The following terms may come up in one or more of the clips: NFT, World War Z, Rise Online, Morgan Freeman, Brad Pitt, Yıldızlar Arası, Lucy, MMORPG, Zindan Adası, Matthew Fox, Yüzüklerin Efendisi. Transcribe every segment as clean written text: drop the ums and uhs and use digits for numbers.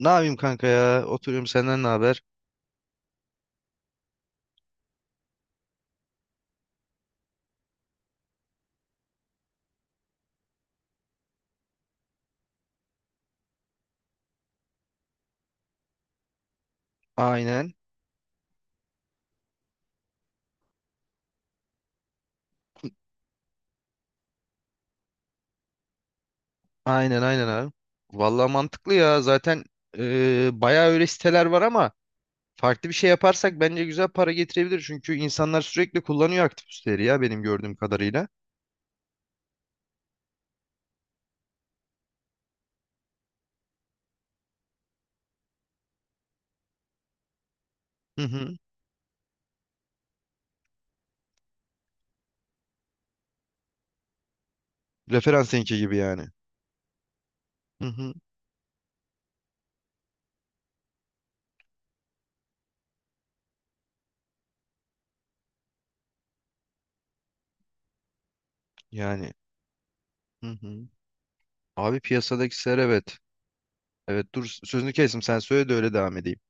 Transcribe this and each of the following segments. Ne yapayım kanka ya? Oturuyorum, senden ne haber? Aynen. Aynen aynen abi. Vallahi mantıklı ya. Zaten bayağı öyle siteler var ama farklı bir şey yaparsak bence güzel para getirebilir. Çünkü insanlar sürekli kullanıyor aktif siteleri ya, benim gördüğüm kadarıyla. Hı hı. Referans linki gibi yani. Hı hı. Yani. Hı hı. Abi, piyasadaki siteler, evet. Evet, dur sözünü kestim, sen söyle de öyle devam edeyim.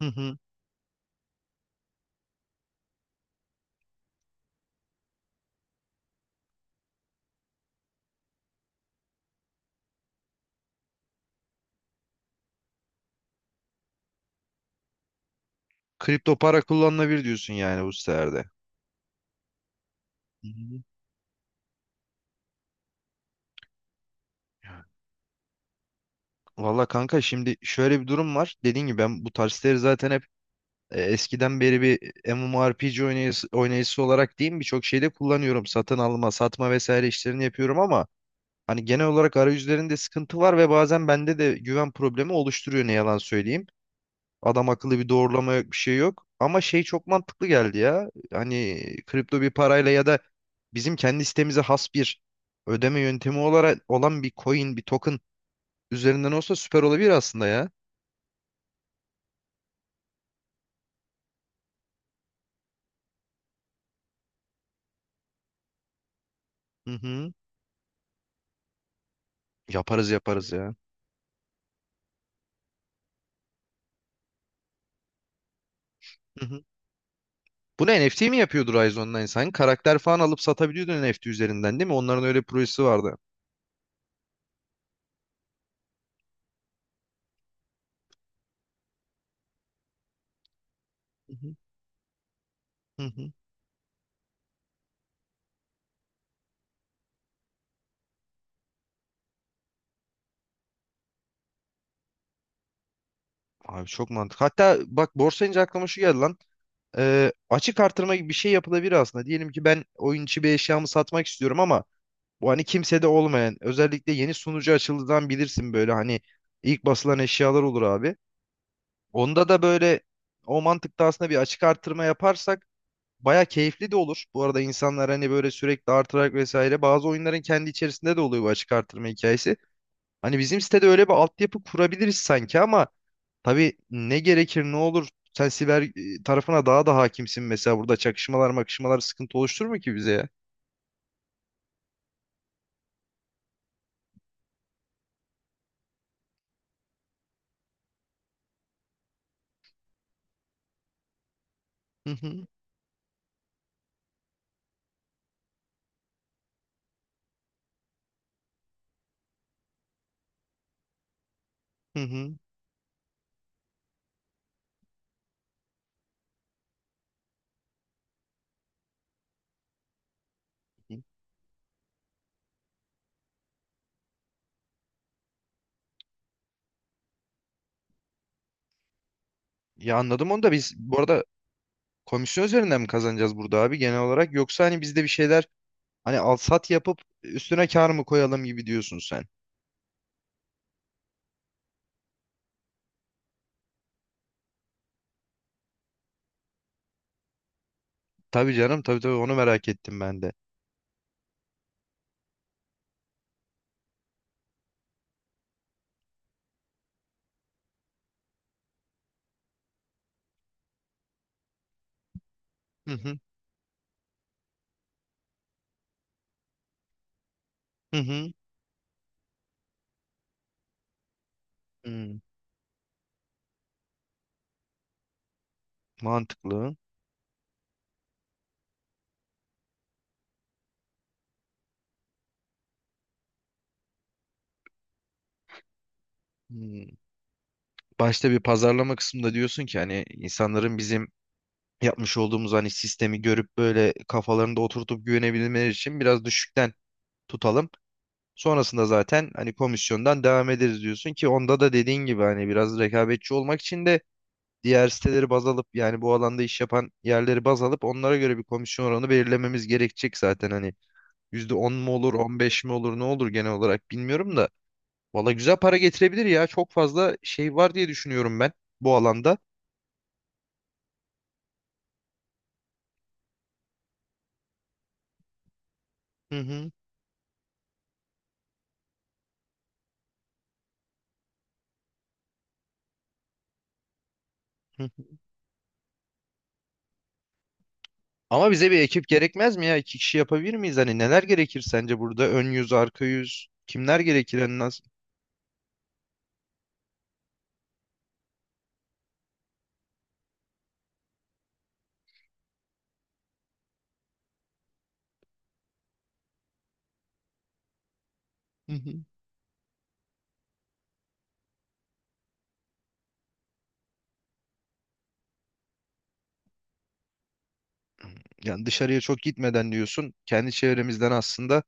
Hı hı. Kripto para kullanılabilir diyorsun yani bu sitelerde. Valla kanka, şimdi şöyle bir durum var. Dediğim gibi, ben bu tarzları zaten hep eskiden beri bir MMORPG oynayıcısı olarak diyeyim, birçok şeyde kullanıyorum. Satın alma, satma vesaire işlerini yapıyorum ama hani genel olarak arayüzlerinde sıkıntı var ve bazen bende de güven problemi oluşturuyor, ne yalan söyleyeyim. Adam akıllı bir doğrulama yok, bir şey yok. Ama şey çok mantıklı geldi ya. Hani kripto bir parayla ya da bizim kendi sitemize has bir ödeme yöntemi olarak olan bir coin, bir token üzerinden olsa süper olabilir aslında ya. Hı hı. Yaparız yaparız ya. Hı hı. Bunu NFT mi yapıyordu Rise Online? Sen karakter falan alıp satabiliyordun NFT üzerinden, değil mi? Onların öyle bir projesi vardı. Hı hı. Hı hı. Abi, çok mantıklı. Hatta bak, borsa deyince aklıma şu geldi lan. Açık artırma gibi bir şey yapılabilir aslında. Diyelim ki ben oyun içi bir eşyamı satmak istiyorum ama bu, hani kimsede olmayan, özellikle yeni sunucu açıldığından bilirsin, böyle hani ilk basılan eşyalar olur abi. Onda da böyle o mantıkta aslında bir açık artırma yaparsak baya keyifli de olur. Bu arada insanlar hani böyle sürekli artırarak vesaire, bazı oyunların kendi içerisinde de oluyor bu açık artırma hikayesi. Hani bizim sitede öyle bir altyapı kurabiliriz sanki ama tabii ne gerekir, ne olur. Sen siber tarafına daha da hakimsin, mesela burada çakışmalar makışmalar sıkıntı oluşturur mu ki bize ya? Hı hı, hı hı. Hı. Ya anladım, onu da biz bu arada komisyon üzerinden mi kazanacağız burada abi genel olarak, yoksa hani biz de bir şeyler hani al sat yapıp üstüne kar mı koyalım gibi diyorsun sen. Tabii canım, tabii tabii, onu merak ettim ben de. Hı hı. Hmm, mantıklı. Hmm. Başta bir pazarlama kısmında diyorsun ki, hani insanların bizim yapmış olduğumuz hani sistemi görüp böyle kafalarında oturtup güvenebilmeleri için biraz düşükten tutalım. Sonrasında zaten hani komisyondan devam ederiz diyorsun ki, onda da dediğin gibi hani biraz rekabetçi olmak için de diğer siteleri baz alıp, yani bu alanda iş yapan yerleri baz alıp onlara göre bir komisyon oranı belirlememiz gerekecek zaten, hani %10 mu olur, 15 mi olur, ne olur, genel olarak bilmiyorum da. Valla güzel para getirebilir ya. Çok fazla şey var diye düşünüyorum ben bu alanda. Hı hı. Hı. Hı. Ama bize bir ekip gerekmez mi ya? İki kişi yapabilir miyiz? Hani neler gerekir sence burada? Ön yüz, arka yüz, kimler gerekir en az? Hı hı. Yani dışarıya çok gitmeden diyorsun. Kendi çevremizden aslında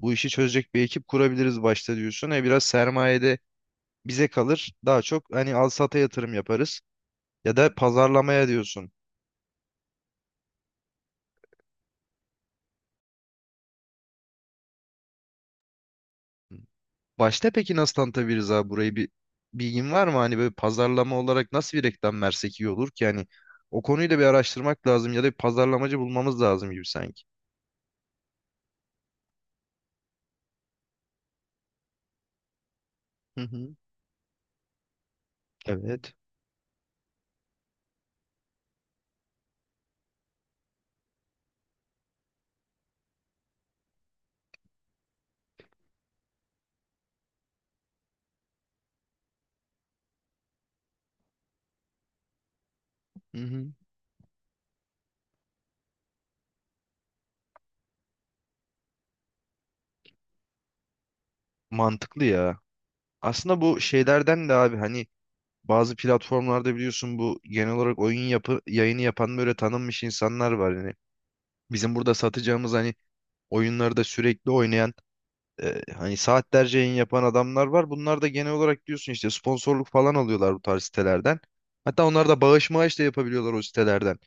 bu işi çözecek bir ekip kurabiliriz başta diyorsun. E, biraz sermayede bize kalır. Daha çok hani al sata yatırım yaparız. Ya da pazarlamaya diyorsun. Başta peki nasıl tanıtabiliriz abi burayı, bir bilgin var mı? Hani böyle pazarlama olarak nasıl bir reklam versek iyi olur ki? Yani o konuyu da bir araştırmak lazım, ya da bir pazarlamacı bulmamız lazım gibi sanki. Hı hı. Evet. Hı hı. Mantıklı ya. Aslında bu şeylerden de abi, hani bazı platformlarda biliyorsun bu genel olarak oyun yapı yayını yapan böyle tanınmış insanlar var. Yani bizim burada satacağımız hani oyunları da sürekli oynayan, hani saatlerce yayın yapan adamlar var. Bunlar da genel olarak diyorsun işte sponsorluk falan alıyorlar bu tarz sitelerden. Hatta onlar da bağış mağış da yapabiliyorlar o sitelerden.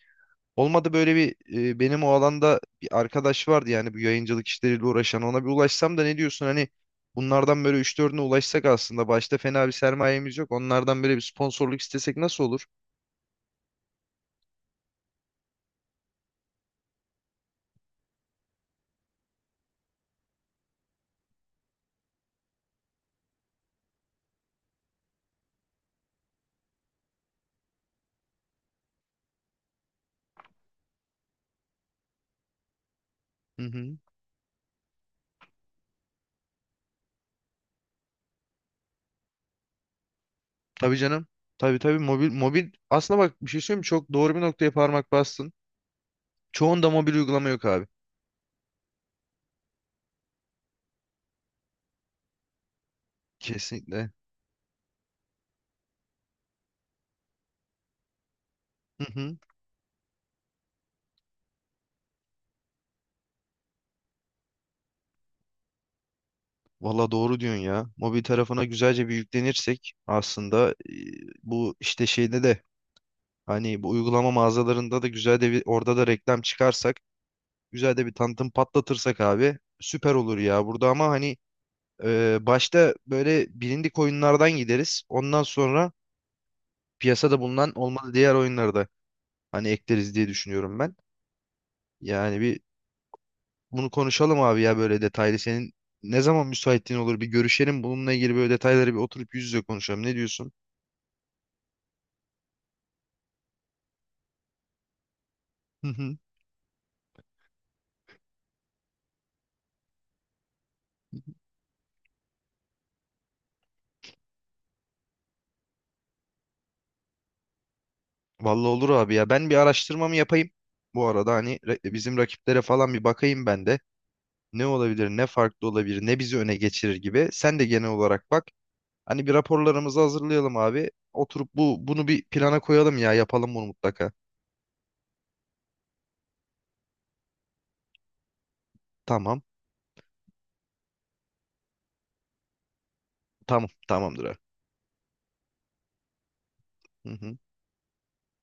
Olmadı böyle bir benim o alanda bir arkadaş vardı yani bu yayıncılık işleriyle uğraşan, ona bir ulaşsam da, ne diyorsun hani bunlardan böyle üç 4'üne ulaşsak, aslında başta fena bir sermayemiz yok. Onlardan böyle bir sponsorluk istesek nasıl olur? Hı hı. Tabii canım. Tabii tabii, mobil aslında bak, bir şey söyleyeyim mi? Çok doğru bir noktaya parmak bastın. Çoğunda mobil uygulama yok abi. Kesinlikle. Valla doğru diyorsun ya. Mobil tarafına güzelce bir yüklenirsek aslında bu işte şeyde de hani bu uygulama mağazalarında da güzel de bir orada da reklam çıkarsak, güzel de bir tanıtım patlatırsak abi süper olur ya. Burada ama hani başta böyle bilindik oyunlardan gideriz. Ondan sonra piyasada bulunan olmalı diğer oyunları da hani ekleriz diye düşünüyorum ben. Yani bir bunu konuşalım abi ya, böyle detaylı. Senin ne zaman müsaitliğin olur, bir görüşelim. Bununla ilgili böyle detayları bir oturup yüz yüze konuşalım. Ne diyorsun? Hı hı. Vallahi olur abi ya. Ben bir araştırmamı yapayım. Bu arada hani bizim rakiplere falan bir bakayım ben de. Ne olabilir, ne farklı olabilir, ne bizi öne geçirir gibi. Sen de genel olarak bak. Hani bir raporlarımızı hazırlayalım abi. Oturup bunu bir plana koyalım ya. Yapalım bunu mutlaka. Tamam. Tamam. Tamamdır abi. Hı hı.